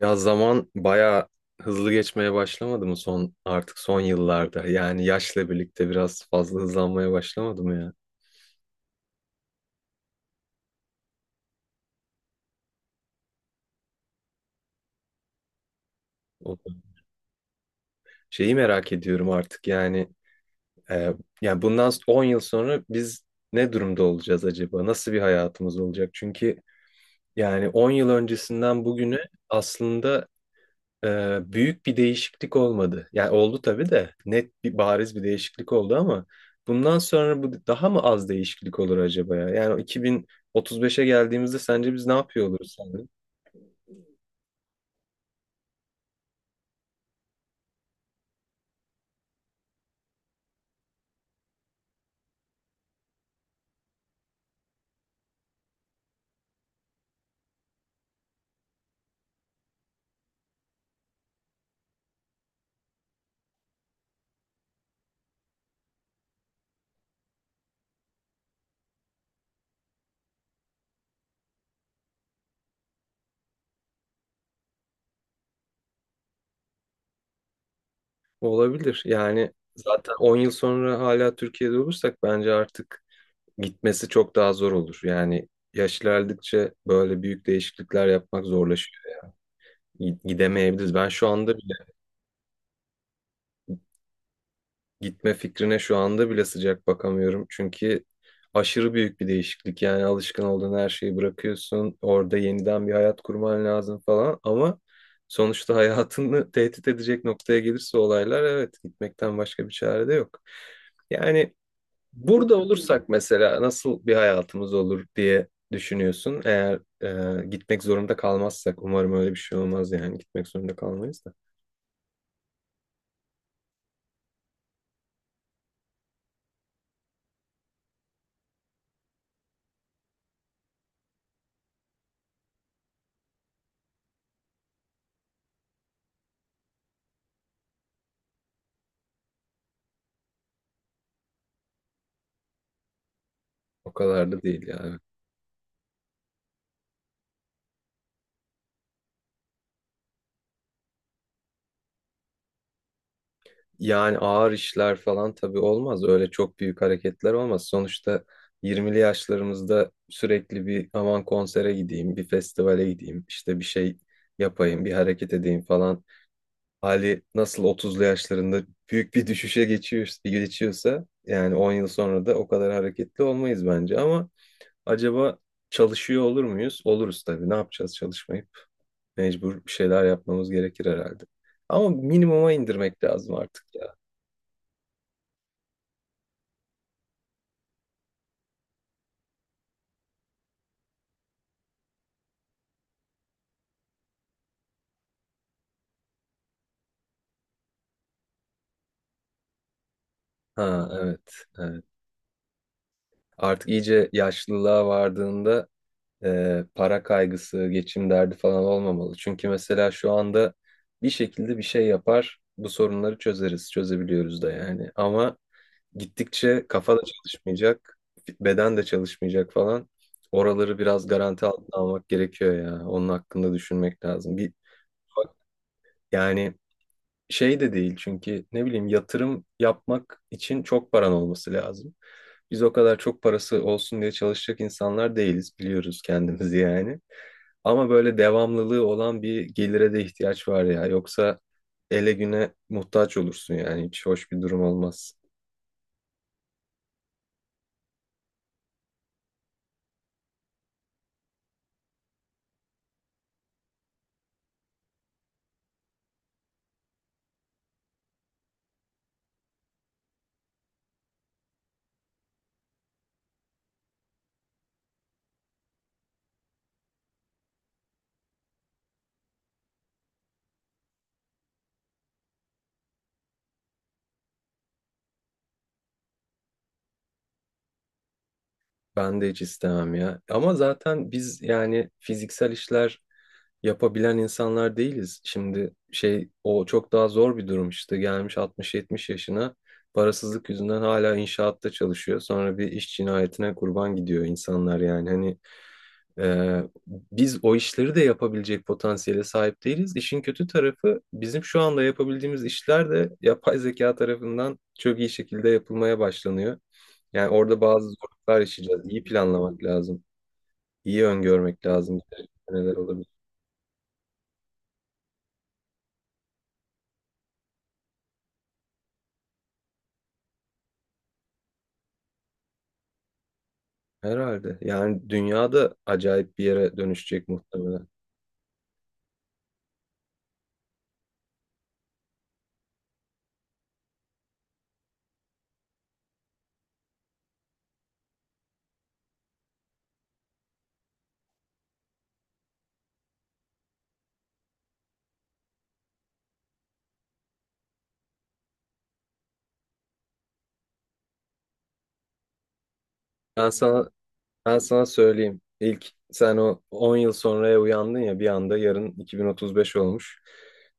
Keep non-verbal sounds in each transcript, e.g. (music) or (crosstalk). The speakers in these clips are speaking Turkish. Ya zaman bayağı hızlı geçmeye başlamadı mı son artık son yıllarda? Yani yaşla birlikte biraz fazla hızlanmaya başlamadı mı ya? O şeyi merak ediyorum artık yani e, yani bundan 10 yıl sonra biz ne durumda olacağız acaba? Nasıl bir hayatımız olacak? Çünkü yani 10 yıl öncesinden bugüne aslında büyük bir değişiklik olmadı. Yani oldu tabii de net bir bariz bir değişiklik oldu ama bundan sonra bu daha mı az değişiklik olur acaba ya? Yani o 2035'e geldiğimizde sence biz ne yapıyor oluruz sence? Olabilir. Yani zaten 10 yıl sonra hala Türkiye'de olursak bence artık gitmesi çok daha zor olur. Yani yaş ilerledikçe böyle büyük değişiklikler yapmak zorlaşıyor. Gidemeyebiliriz. Ben şu anda Gitme fikrine şu anda bile sıcak bakamıyorum. Çünkü aşırı büyük bir değişiklik. Yani alışkın olduğun her şeyi bırakıyorsun. Orada yeniden bir hayat kurman lazım falan. Ama sonuçta hayatını (laughs) tehdit edecek noktaya gelirse olaylar, evet, gitmekten başka bir çare de yok. Yani burada olursak mesela nasıl bir hayatımız olur diye düşünüyorsun. Eğer gitmek zorunda kalmazsak umarım öyle bir şey olmaz yani gitmek zorunda kalmayız da. O kadar da değil ya. Evet. Yani ağır işler falan tabii olmaz. Öyle çok büyük hareketler olmaz. Sonuçta 20'li yaşlarımızda sürekli bir aman konsere gideyim, bir festivale gideyim, işte bir şey yapayım, bir hareket edeyim falan. Hali nasıl 30'lu yaşlarında büyük bir düşüşe geçiyor, geçiyorsa yani 10 yıl sonra da o kadar hareketli olmayız bence. Ama acaba çalışıyor olur muyuz? Oluruz tabii. Ne yapacağız çalışmayıp? Mecbur bir şeyler yapmamız gerekir herhalde. Ama minimuma indirmek lazım artık. Ha, evet, evet. Artık iyice yaşlılığa vardığında para kaygısı, geçim derdi falan olmamalı. Çünkü mesela şu anda bir şekilde bir şey yapar, bu sorunları çözeriz, çözebiliyoruz da yani. Ama gittikçe kafa da çalışmayacak, beden de çalışmayacak falan. Oraları biraz garanti altına almak gerekiyor ya. Onun hakkında düşünmek lazım. Bir yani Şey de değil çünkü ne bileyim yatırım yapmak için çok paran olması lazım. Biz o kadar çok parası olsun diye çalışacak insanlar değiliz, biliyoruz kendimizi yani. Ama böyle devamlılığı olan bir gelire de ihtiyaç var ya. Yoksa ele güne muhtaç olursun, yani hiç hoş bir durum olmaz. Ben de hiç istemem ya. Ama zaten biz yani fiziksel işler yapabilen insanlar değiliz. Şimdi şey, o çok daha zor bir durum, işte gelmiş 60-70 yaşına parasızlık yüzünden hala inşaatta çalışıyor. Sonra bir iş cinayetine kurban gidiyor insanlar yani hani Ee, biz o işleri de yapabilecek potansiyele sahip değiliz. İşin kötü tarafı bizim şu anda yapabildiğimiz işler de yapay zeka tarafından çok iyi şekilde yapılmaya başlanıyor. Yani orada bazı zorluklar yaşayacağız. İyi planlamak lazım. İyi öngörmek lazım. Neler olabilir? Herhalde. Yani dünyada acayip bir yere dönüşecek muhtemelen. Ben sana Ben sana söyleyeyim. İlk sen o 10 yıl sonraya uyandın ya bir anda, yarın 2035 olmuş.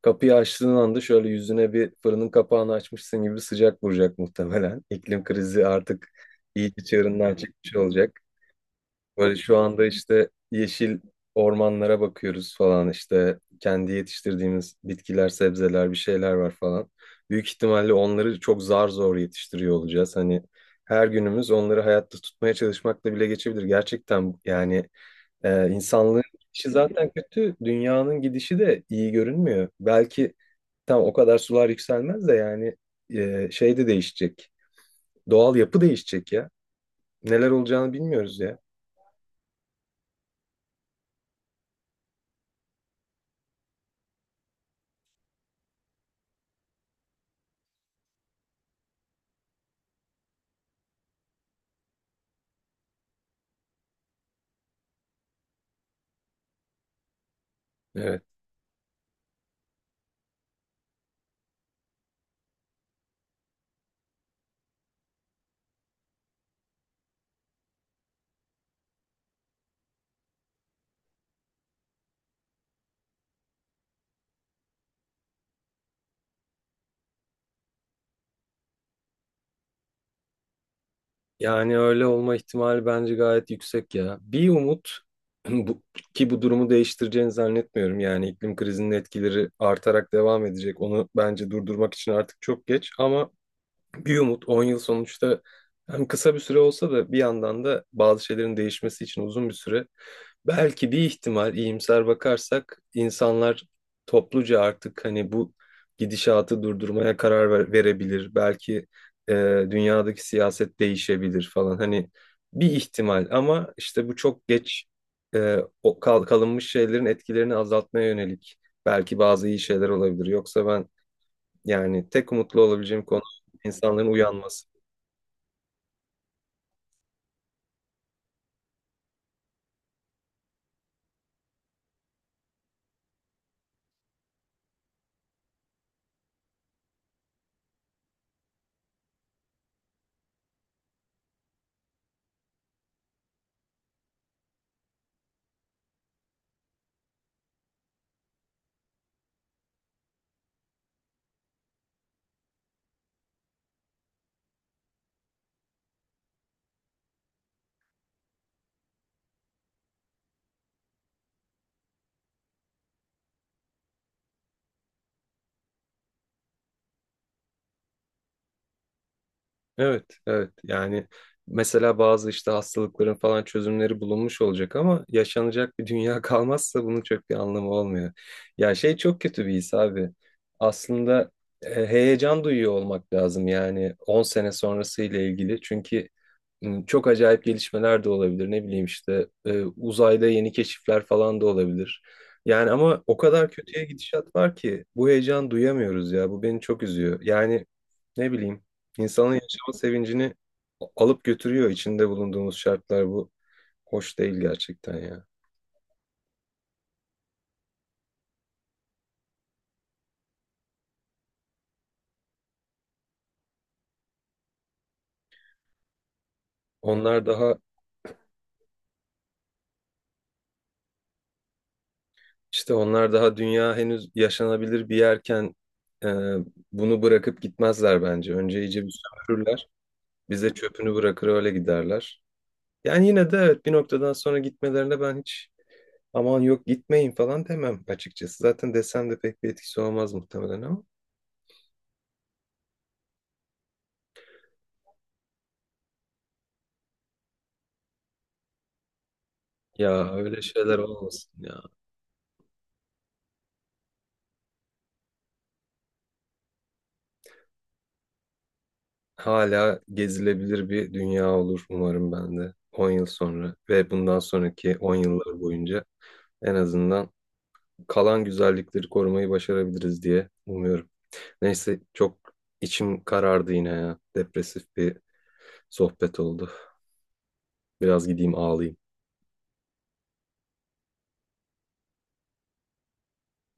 Kapıyı açtığın anda şöyle yüzüne bir fırının kapağını açmışsın gibi sıcak vuracak muhtemelen. İklim krizi artık iyice çığırından çıkmış olacak. Böyle şu anda işte yeşil ormanlara bakıyoruz falan, işte kendi yetiştirdiğimiz bitkiler, sebzeler bir şeyler var falan. Büyük ihtimalle onları çok zar zor yetiştiriyor olacağız. Hani her günümüz onları hayatta tutmaya çalışmakla bile geçebilir. Gerçekten yani insanlığın gidişi zaten kötü, dünyanın gidişi de iyi görünmüyor. Belki tam o kadar sular yükselmez de yani şey de değişecek. Doğal yapı değişecek ya. Neler olacağını bilmiyoruz ya. Evet. Yani öyle olma ihtimali bence gayet yüksek ya. Bir umut (clears throat) bu, ki bu durumu değiştireceğini zannetmiyorum. Yani iklim krizinin etkileri artarak devam edecek. Onu bence durdurmak için artık çok geç ama bir umut 10 yıl sonuçta hem kısa bir süre olsa da bir yandan da bazı şeylerin değişmesi için uzun bir süre. Belki bir ihtimal iyimser bakarsak insanlar topluca artık hani bu gidişatı durdurmaya verebilir. Belki e, dünyadaki siyaset değişebilir falan. Hani bir ihtimal ama işte bu çok geç, e, o kalınmış şeylerin etkilerini azaltmaya yönelik belki bazı iyi şeyler olabilir. Yoksa ben yani tek umutlu olabileceğim konu insanların uyanması. Evet, evet. Yani mesela bazı işte hastalıkların falan çözümleri bulunmuş olacak ama yaşanacak bir dünya (laughs) kalmazsa bunun çok bir anlamı olmuyor. Ya şey, çok kötü bir his abi. Aslında heyecan duyuyor olmak lazım yani 10 sene sonrası ile ilgili. Çünkü çok acayip gelişmeler de olabilir. Ne bileyim işte uzayda yeni keşifler falan da olabilir. Yani ama o kadar kötüye gidişat var ki bu heyecan duyamıyoruz ya. Bu beni çok üzüyor. Yani ne bileyim, insanın yaşama sevincini alıp götürüyor içinde bulunduğumuz şartlar, bu hoş değil gerçekten ya. Onlar daha işte onlar daha dünya henüz yaşanabilir bir yerken e, bunu bırakıp gitmezler bence. Önce iyice bir sömürürler. Bize çöpünü bırakır öyle giderler. Yani yine de evet, bir noktadan sonra gitmelerine ben hiç aman yok gitmeyin falan demem açıkçası. Zaten desem de pek bir etkisi olmaz muhtemelen ama. Ya öyle şeyler olmasın ya. Hala gezilebilir bir dünya olur umarım ben de 10 yıl sonra ve bundan sonraki 10 yıllar boyunca en azından kalan güzellikleri korumayı başarabiliriz diye umuyorum. Neyse, çok içim karardı yine ya. Depresif bir sohbet oldu. Biraz gideyim ağlayayım.